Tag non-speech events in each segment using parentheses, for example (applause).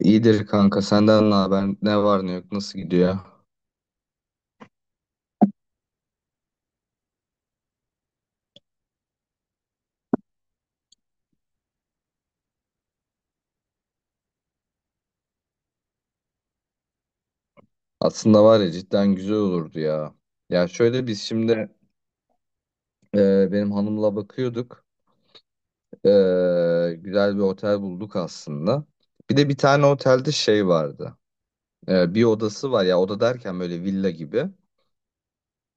İyidir kanka senden ne haber ne var ne yok nasıl gidiyor? Aslında var ya cidden güzel olurdu ya. Ya şöyle biz şimdi benim hanımla bakıyorduk. E, Güzel bir otel bulduk aslında. Bir de bir tane otelde şey vardı. Bir odası var ya, oda derken böyle villa gibi.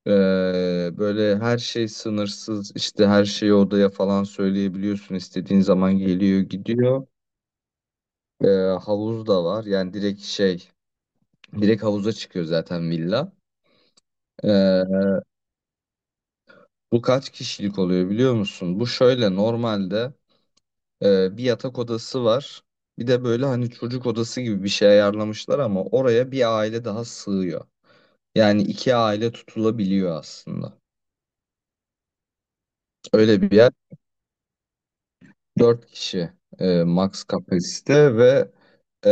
E, Böyle her şey sınırsız, işte her şeyi odaya falan söyleyebiliyorsun. İstediğin zaman geliyor gidiyor. E, Havuz da var, yani direkt direkt havuza çıkıyor zaten villa. Ee, Bu kaç kişilik oluyor biliyor musun? Bu şöyle normalde bir yatak odası var. Bir de böyle hani çocuk odası gibi bir şey ayarlamışlar ama oraya bir aile daha sığıyor. Yani iki aile tutulabiliyor aslında. Öyle bir yer. Dört kişi max kapasite ve e,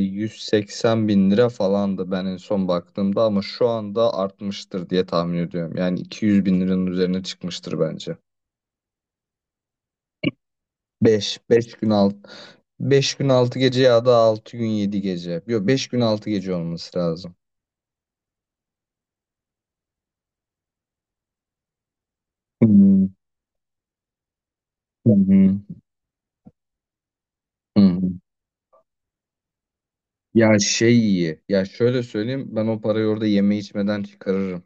180 bin lira falandı ben en son baktığımda, ama şu anda artmıştır diye tahmin ediyorum. Yani 200 bin liranın üzerine çıkmıştır bence. Beş gün 6. Beş gün 6 gece ya da 6 gün 7 gece. Yok, 5 gün 6 gece olması lazım. Hmm. Hı hı. Hı hı. Ya şey iyi. Ya şöyle söyleyeyim, ben o parayı orada yeme içmeden çıkarırım.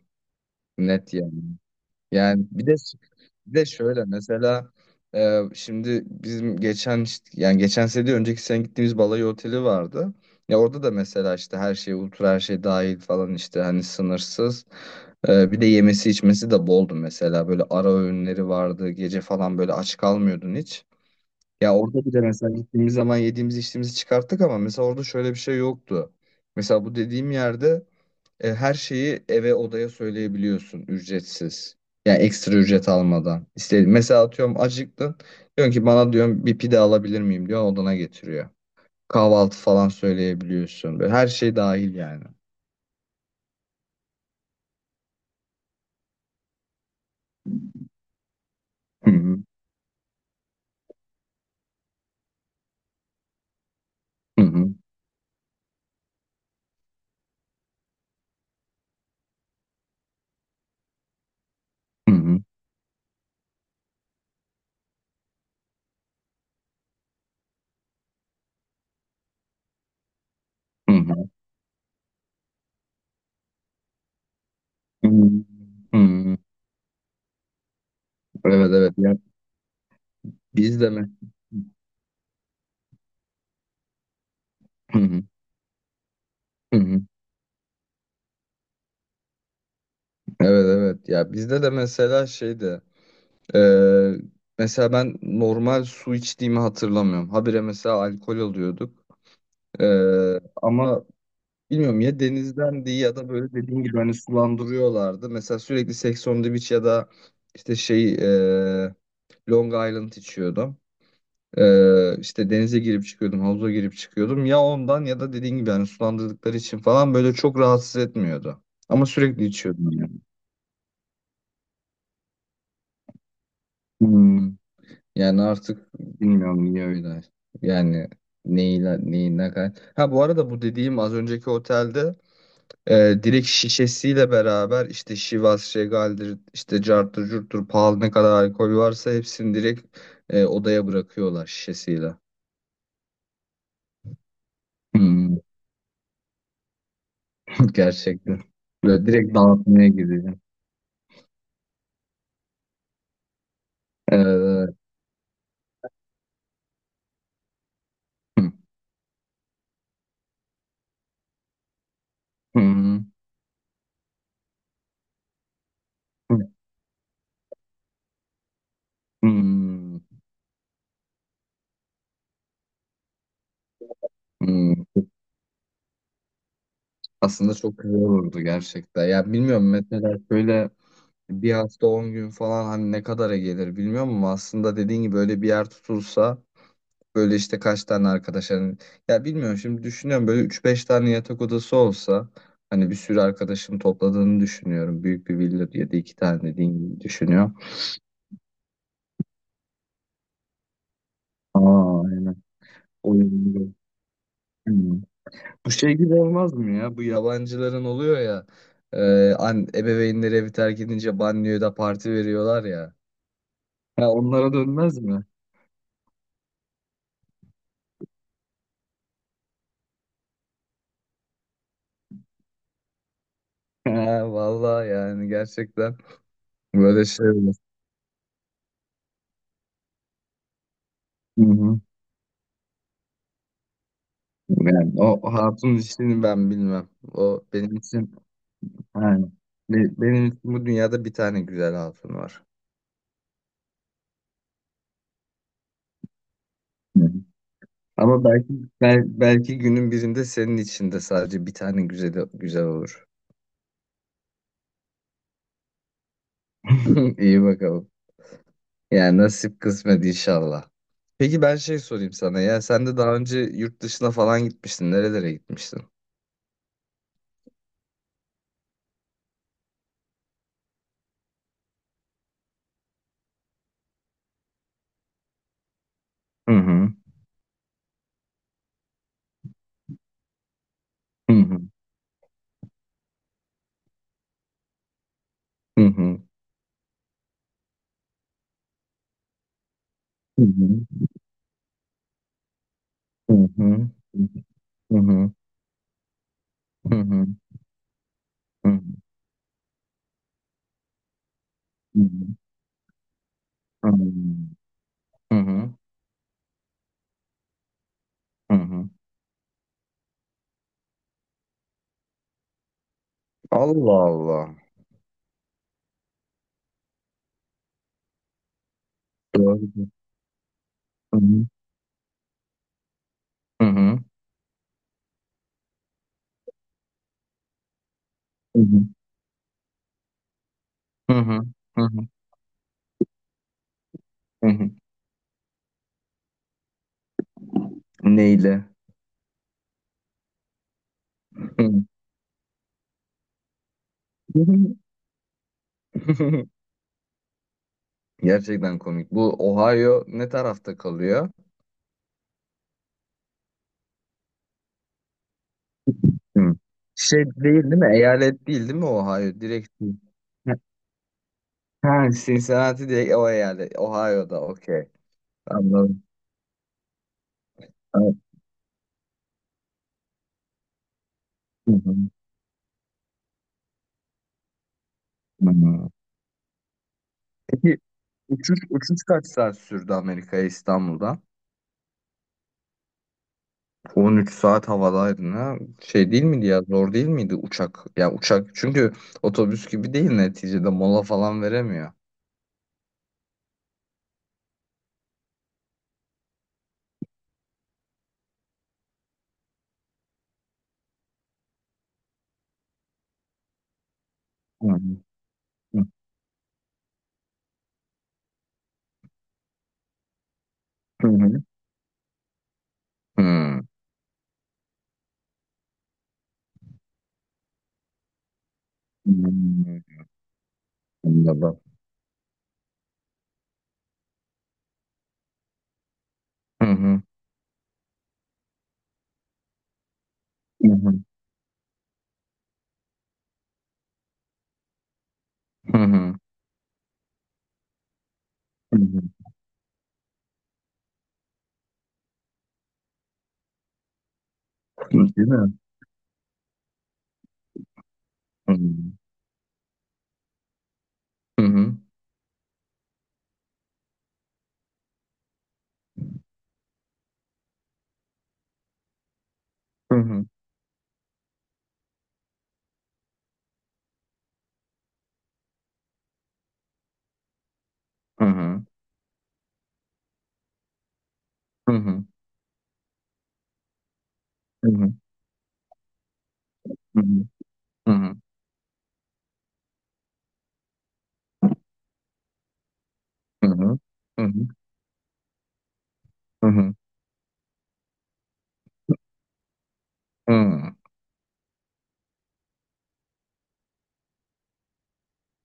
Net yani. Yani bir de Bir de şöyle mesela şimdi bizim yani geçen sene değil, önceki sene gittiğimiz balayı oteli vardı. Ya orada da mesela işte her şey ultra, her şey dahil falan, işte hani sınırsız. Bir de yemesi içmesi de boldu mesela, böyle ara öğünleri vardı gece falan, böyle aç kalmıyordun hiç. Ya orada bir de mesela gittiğimiz zaman yediğimiz içtiğimizi çıkarttık, ama mesela orada şöyle bir şey yoktu. Mesela bu dediğim yerde her şeyi odaya söyleyebiliyorsun ücretsiz. Yani ekstra ücret almadan. İstediğin. Mesela atıyorum, acıktın. Diyorsun ki, bana diyorum bir pide alabilir miyim, diyor odana getiriyor. Kahvaltı falan söyleyebiliyorsun. Böyle her şey dahil yani. Hı hı, hı hı, hı hı, hı hı, hı hı, hı hı. Evet evet, ya biz de mi? Hı hı, hı hı. Evet evet, ya bizde de mesela şeydi e, mesela ben normal su içtiğimi hatırlamıyorum. Habire mesela alkol alıyorduk. Ama bilmiyorum, ya denizdendi ya da böyle dediğin gibi hani sulandırıyorlardı. Mesela sürekli Sex on the Beach ya da işte şey Long Island içiyordum. İşte denize girip çıkıyordum, havuza girip çıkıyordum. Ya ondan ya da dediğin gibi hani sulandırdıkları için falan böyle çok rahatsız etmiyordu. Ama sürekli içiyordum yani. Hmm. Yani artık bilmiyorum niye öyle. Yani neyle, neyin ne kadar. Ha, bu arada bu dediğim az önceki otelde direkt şişesiyle beraber işte Şivas, Şegal'dir, işte carttır, curttur, pahalı ne kadar alkol varsa hepsini direkt odaya bırakıyorlar şişesiyle. Hmm. (laughs) Gerçekten. Böyle direkt dağıtmaya gidiyor. Evet. Evet. Hı hı. Hmm. Hmm. Aslında çok güzel olurdu gerçekten. Ya bilmiyorum, mesela şöyle bir hafta 10 gün falan hani ne kadara gelir bilmiyorum, ama aslında dediğin gibi öyle bir yer tutulsa. Böyle işte kaç tane arkadaşların ya bilmiyorum, şimdi düşünüyorum böyle üç beş tane yatak odası olsa, hani bir sürü arkadaşım topladığını düşünüyorum. Büyük bir villa ya da iki tane dediğin gibi düşünüyorum. Aa, aynen. Oyun. Hmm. Bu şey gibi olmaz mı ya? Bu yabancıların oluyor ya. Ebeveynleri evi terk edince banyoya da parti veriyorlar ya. Ha, onlara dönmez mi? (laughs) Ha, vallahi yani gerçekten böyle şey olur. Hı hı. Yani o hatun işini ben bilmem. O benim için, yani benim için bu dünyada bir tane güzel hatun var. Hı hı. Ama belki belki günün birinde senin için de sadece bir tane güzel güzel olur. (laughs) İyi bakalım. Yani nasip kısmet inşallah. Peki ben şey sorayım sana, ya sen de daha önce yurt dışına falan gitmiştin. Nerelere gitmiştin? Hı hı. Hı hı. Hı hı. Hı hı. Hı hı. Hı hı. Hı hı. Hı hı. Hı hı. Hı hı. Hı hı. Hı hı. Allah Allah. Doğru. Hı hı. Hı hı. Hı hı. Hı hı. Hı hı. Hı hı. Neyle? Hı. (laughs) Gerçekten komik. Bu Ohio ne tarafta kalıyor? Hı. Şey değil, değil mi? Eyalet değil, değil mi Ohio? Direkt. Ha, ha, Cincinnati direkt o eyalet. Ohio'da okey. Anladım. Evet. Hı hı. Hı hı. Peki uçuş kaç saat sürdü Amerika'ya İstanbul'dan? 13 saat havadaydın ha. Şey değil miydi ya, zor değil miydi uçak? Ya uçak, çünkü otobüs gibi değil neticede, mola falan veremiyor. Hı hı. Hı hı. Hı. Hı. Anladım. Hı hı. Hı hı. Hı hı. Hı hı. Değil mi? Hı hı. Hı hı. Hı hı. Hı hı. Hı hı. Hı hı. Hı hı. Hı hı. Hı hı. Hı hı. Hı.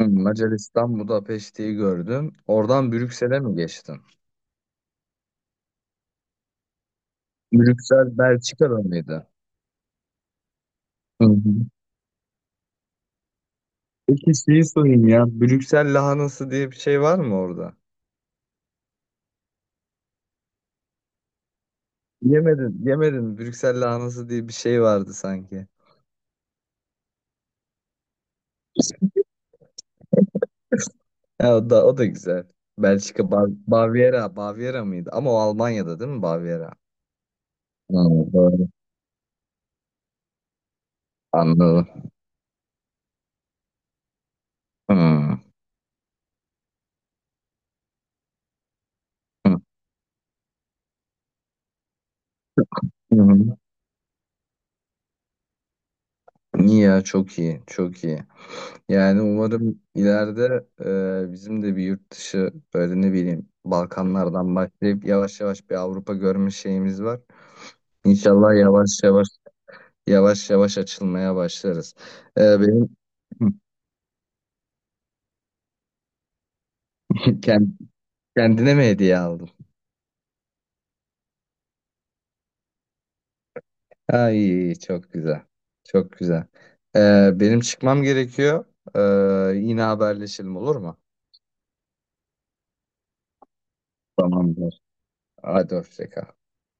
Hı. Macaristan Budapeşte'yi gördün. Oradan Brüksel'e mi geçtin? Brüksel Belçika'da mıydı? Hı hı. Peki şeyi sorayım ya, Brüksel lahanası diye bir şey var mı orada? Yemedin, yemedin. Brüksel lahanası diye bir şey vardı sanki. Ya o da, o da güzel. Belçika Baviera, Baviera mıydı? Ama o Almanya'da değil mi Baviera? Ha, doğru. Anladım. Hmm. Hı. Hı hı. İyi ya, çok iyi çok iyi. Yani umarım ileride bizim de bir yurt dışı, böyle ne bileyim Balkanlardan başlayıp yavaş yavaş bir Avrupa görme şeyimiz var. İnşallah yavaş yavaş. Yavaş yavaş açılmaya başlarız. Benim (laughs) kend- kendine mi hediye aldın? Ay çok güzel. Çok güzel. Benim çıkmam gerekiyor. Yine haberleşelim olur mu? Tamamdır. Hadi hoşça kal.